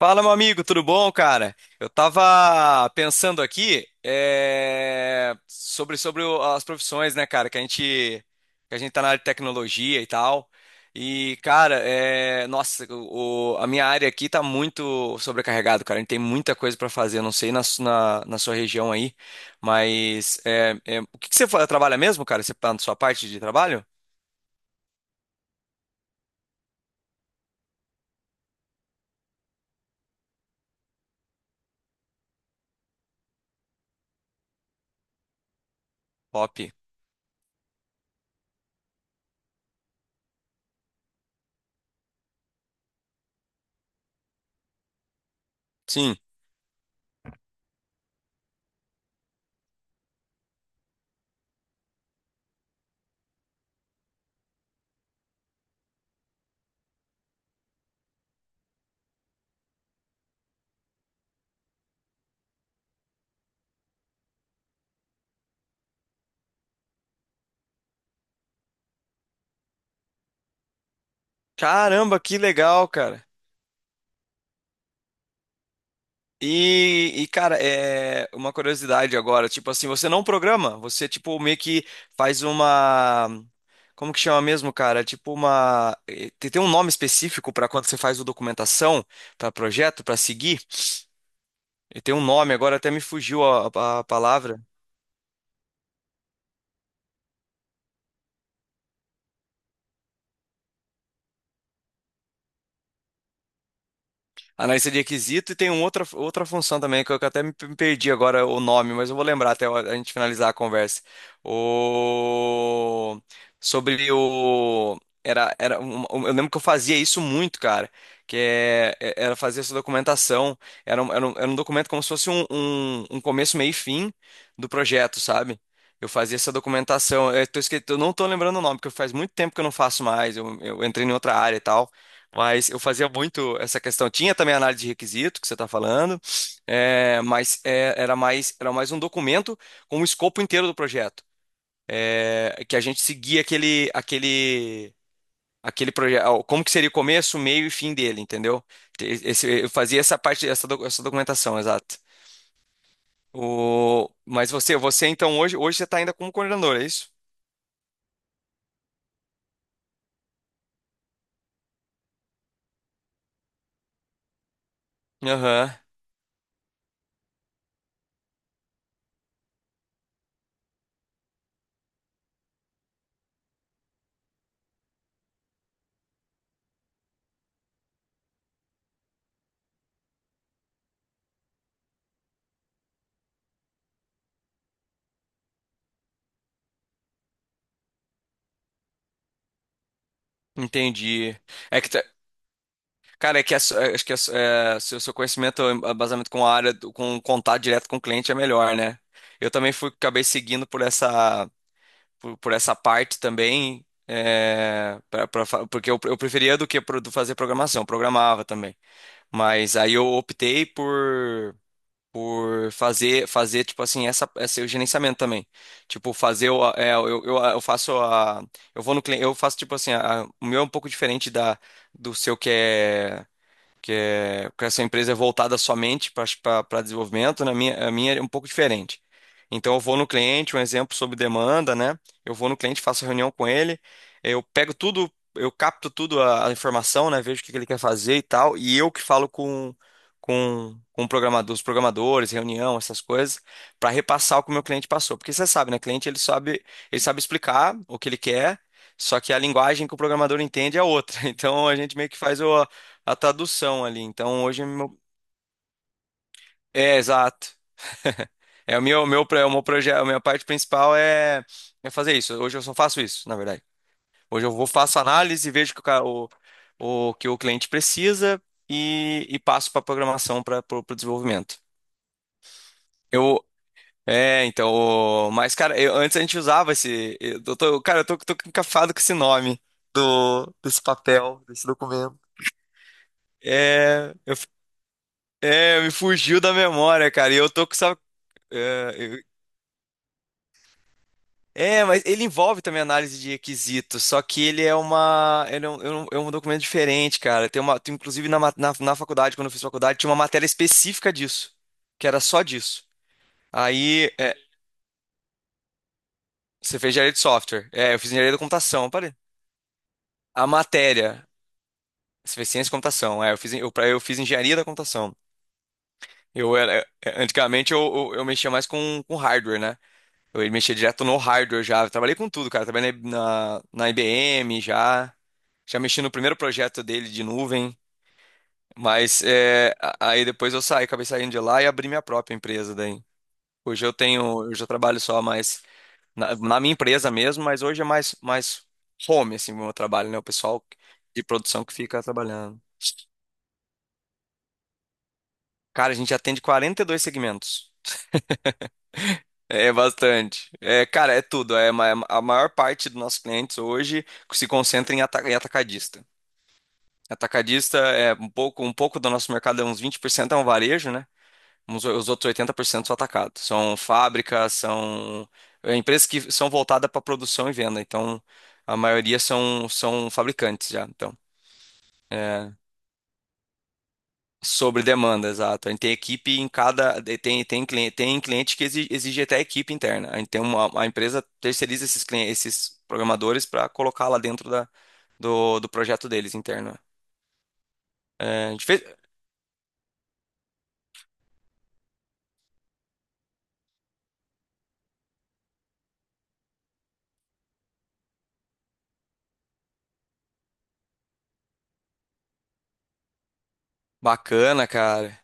Fala, meu amigo, tudo bom, cara? Eu tava pensando aqui sobre, sobre as profissões, né, cara? Que a gente tá na área de tecnologia e tal. E, cara, nossa, a minha área aqui tá muito sobrecarregado, cara. A gente tem muita coisa pra fazer. Eu não sei na sua região aí, mas o que que você trabalha mesmo, cara? Você tá na sua parte de trabalho? Top. Sim. Caramba, que legal, cara. E, cara, é uma curiosidade agora, tipo assim, você não programa, você tipo meio que faz uma, como que chama mesmo, cara? Tipo uma, tem, tem um nome específico para quando você faz o documentação para projeto, para seguir. E tem um nome, agora até me fugiu a palavra. Analista de requisito e tem uma outra, outra função também que eu até me perdi agora o nome, mas eu vou lembrar até a a gente finalizar a conversa. O... Sobre o. Eu lembro que eu fazia isso muito, cara. Que era fazer essa documentação. Era um documento como se fosse um começo, meio e fim do projeto, sabe? Eu fazia essa documentação. Eu, eu não tô lembrando o nome, porque faz muito tempo que eu não faço mais. Eu entrei em outra área e tal. Mas eu fazia muito essa questão. Tinha também análise de requisito, que você está falando, é, mas era mais um documento com o escopo inteiro do projeto. É, que a gente seguia aquele projeto. Como que seria o começo, o meio e fim dele, entendeu? Eu fazia essa parte, essa documentação, exato. O, mas você então hoje você está ainda como coordenador, é isso? Aham, entendi. É que, tá, cara, é que é, acho que é, se o seu conhecimento é baseado com a área, com contato direto com o cliente é melhor, né? Eu também fui, acabei seguindo por essa, por essa parte também, é, porque eu preferia do que do fazer programação, programava também. Mas aí eu optei por fazer, fazer tipo assim, essa, esse gerenciamento também. Tipo, fazer, eu faço a, eu vou no cliente, eu faço tipo assim, o meu é um pouco diferente da, do seu que essa empresa é voltada somente para desenvolvimento, na minha, a minha é um pouco diferente. Então eu vou no cliente, um exemplo sobre demanda, né? Eu vou no cliente, faço reunião com ele, eu pego tudo, eu capto tudo a informação, né? Vejo o que que ele quer fazer e tal, e eu que falo com o programador, os programadores, reunião, essas coisas, para repassar o que o meu cliente passou. Porque você sabe, né? Cliente ele sabe explicar o que ele quer. Só que a linguagem que o programador entende é outra. Então a gente meio que faz o, a tradução ali. Então hoje é meu... É, exato. É o meu, é o meu projeto, a minha parte principal é, é fazer isso. Hoje eu só faço isso, na verdade. Hoje eu vou faço análise, vejo que o que o cliente precisa e passo para programação para o desenvolvimento. Eu é, então, mas cara, antes a gente usava esse, eu tô, cara, tô encafado com esse nome do desse papel, desse documento. É, eu, f- é, me fugiu da memória, cara. E eu tô com, sabe, é, mas ele envolve também análise de requisitos, só que ele é um, é um documento diferente, cara. Inclusive na, na faculdade, quando eu fiz faculdade, tinha uma matéria específica disso, que era só disso. Aí, é, você fez engenharia de software. É, eu fiz engenharia da computação, parei. A matéria, você fez ciência de computação. É, eu fiz, eu fiz engenharia da computação. Eu era, é, antigamente eu mexia mais com hardware, né? Eu mexia direto no hardware já. Eu trabalhei com tudo, cara. Trabalhei na IBM já. Já mexi no primeiro projeto dele de nuvem. Mas é, aí depois eu saí, acabei saindo de lá e abri minha própria empresa daí. Hoje eu tenho, hoje eu já trabalho só mais na minha empresa mesmo, mas hoje é mais, mais home, assim, o meu trabalho, né? O pessoal de produção que fica trabalhando. Cara, a gente atende 42 segmentos. É bastante. É, cara, é tudo. É, a maior parte dos nossos clientes hoje se concentra em, em atacadista. Atacadista é um pouco do nosso mercado, é uns 20% é um varejo, né? Os outros 80% são atacados. São fábricas, são é, empresas que são voltadas para produção e venda. Então, a maioria são, são fabricantes já. Então. É, sobre demanda, exato. A gente tem equipe em cada. Cliente, tem cliente que exige, até equipe interna. A gente tem uma, a empresa terceiriza esses esses programadores para colocar lá dentro da, do projeto deles interno. É, a gente fez. Bacana, cara.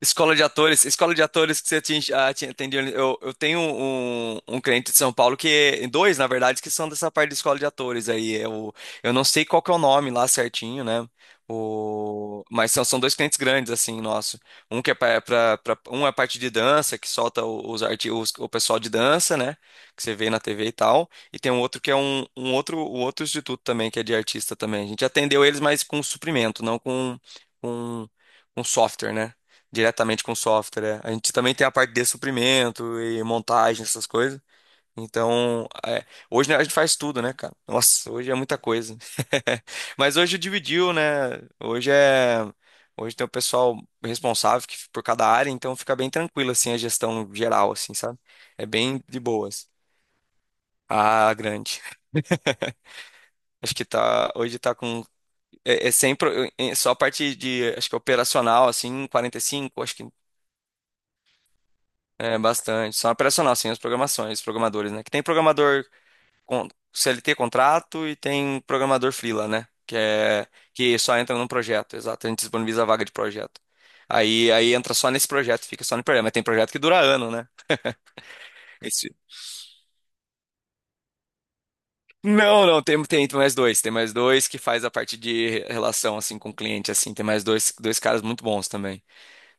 Escola de atores que você atendeu. Eu tenho um, um cliente de São Paulo que, dois, na verdade, que são dessa parte de escola de atores aí. Eu não sei qual que é o nome lá certinho, né? O, mas são, são dois clientes grandes, assim, nosso. Um que é pra um é a parte de dança, que solta os, os o pessoal de dança, né? Que você vê na TV e tal. E tem um outro que é um, um outro instituto também, que é de artista também. A gente atendeu eles, mas com suprimento, não com, com software, né? Diretamente com o software. É. A gente também tem a parte de suprimento e montagem, essas coisas. Então, é, hoje né, a gente faz tudo, né, cara? Nossa, hoje é muita coisa. Mas hoje dividiu, né? Hoje é. Hoje tem o pessoal responsável por cada área, então fica bem tranquilo, assim, a gestão geral, assim, sabe? É bem de boas. Ah, grande. Acho que tá. Hoje tá com. É, é sempre. É só a parte de. Acho que operacional, assim, 45, acho que é, bastante. São operacional, sim, as programações, os programadores, né? Que tem programador com CLT contrato e tem programador freela, né? Que é que só entra num projeto, exato. A gente disponibiliza a vaga de projeto. Aí entra só nesse projeto, fica só no projeto. Mas tem projeto que dura ano, né? Esse- Não, não, tem mais dois. Tem mais dois que faz a parte de relação, assim, com o cliente, assim. Tem mais dois, dois caras muito bons também.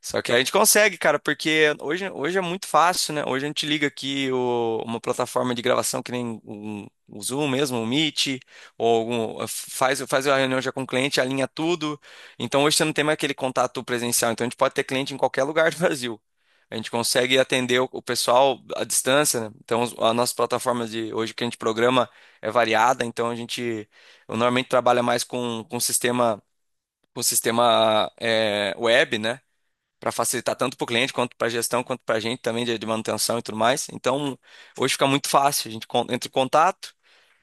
Só que a gente consegue, cara, porque hoje é muito fácil, né? Hoje a gente liga aqui uma plataforma de gravação que nem o Zoom mesmo, o Meet, ou faz, faz a reunião já com o cliente, alinha tudo. Então hoje você não tem mais aquele contato presencial. Então a gente pode ter cliente em qualquer lugar do Brasil. A gente consegue atender o pessoal à distância, né? A nossa plataforma de hoje que a gente programa é variada. Então a gente eu normalmente trabalha mais com sistema web, né? Para facilitar tanto para o cliente quanto para a gestão, quanto para a gente também de manutenção e tudo mais. Então, hoje fica muito fácil. A gente entra em contato,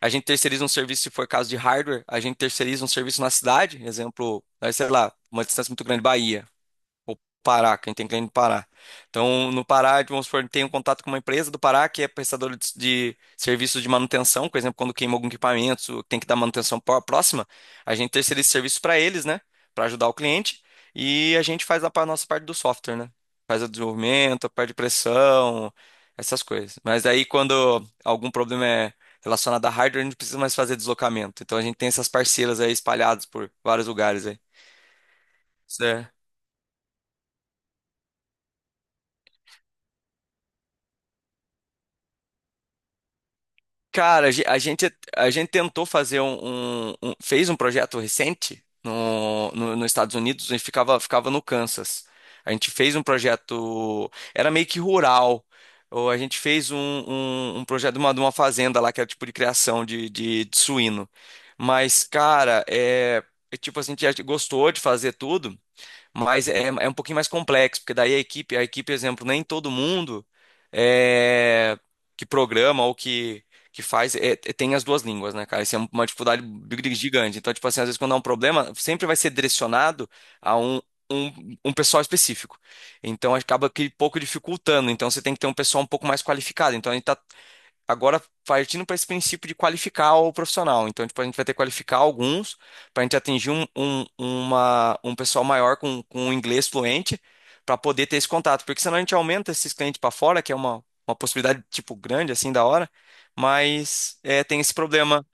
a gente terceiriza um serviço se for caso de hardware, a gente terceiriza um serviço na cidade, exemplo, aí, sei lá, uma distância muito grande, Bahia ou Pará, quem tem cliente no Pará. Então, no Pará, vamos supor, tem um contato com uma empresa do Pará que é prestadora de serviços de manutenção, por exemplo, quando queima algum equipamento, tem que dar manutenção próxima, a gente terceiriza esse serviço para eles, né, para ajudar o cliente, e a gente faz a nossa parte do software, né? Faz o desenvolvimento, a parte de pressão, essas coisas. Mas aí quando algum problema é relacionado a hardware, a gente não precisa mais fazer deslocamento. Então a gente tem essas parceiras aí espalhadas por vários lugares aí. Cara, a gente tentou fazer um, fez um projeto recente no, nos Estados Unidos, a gente ficava, ficava no Kansas. A gente fez um projeto, era meio que rural. Ou a gente fez um, um projeto de uma fazenda lá, que era tipo de criação de suíno. Mas, cara, é, é tipo assim, a gente gostou de fazer tudo. Mas é, é um pouquinho mais complexo, porque daí a equipe, exemplo, nem todo mundo é, que programa ou que faz tem as duas línguas, né, cara? Isso é uma dificuldade gigante. Então, tipo assim, às vezes quando há um problema, sempre vai ser direcionado a um pessoal específico. Então, acaba que pouco dificultando. Então, você tem que ter um pessoal um pouco mais qualificado. Então, a gente tá agora partindo para esse princípio de qualificar o profissional. Então, tipo, a gente vai ter que qualificar alguns para a gente atingir um pessoal maior com inglês fluente para poder ter esse contato. Porque senão a gente aumenta esses clientes para fora, que é uma possibilidade, tipo, grande, assim, da hora. Mas é, tem esse problema.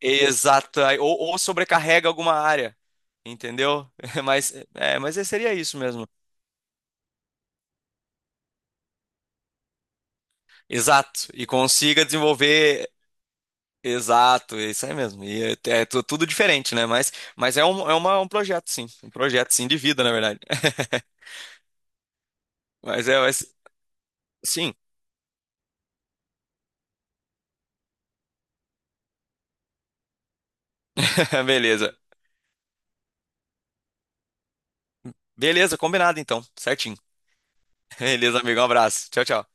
Exato. Aí, ou sobrecarrega alguma área. Entendeu? Mas, é, mas seria isso mesmo. Exato. E consiga desenvolver. Exato, é isso aí mesmo. E é, tudo diferente, né? Mas é um, é uma, um projeto, sim. Um projeto, sim, de vida, na verdade. Mas é, mas, sim, beleza. Beleza, combinado então, certinho. Beleza, amigo, um abraço. Tchau, tchau.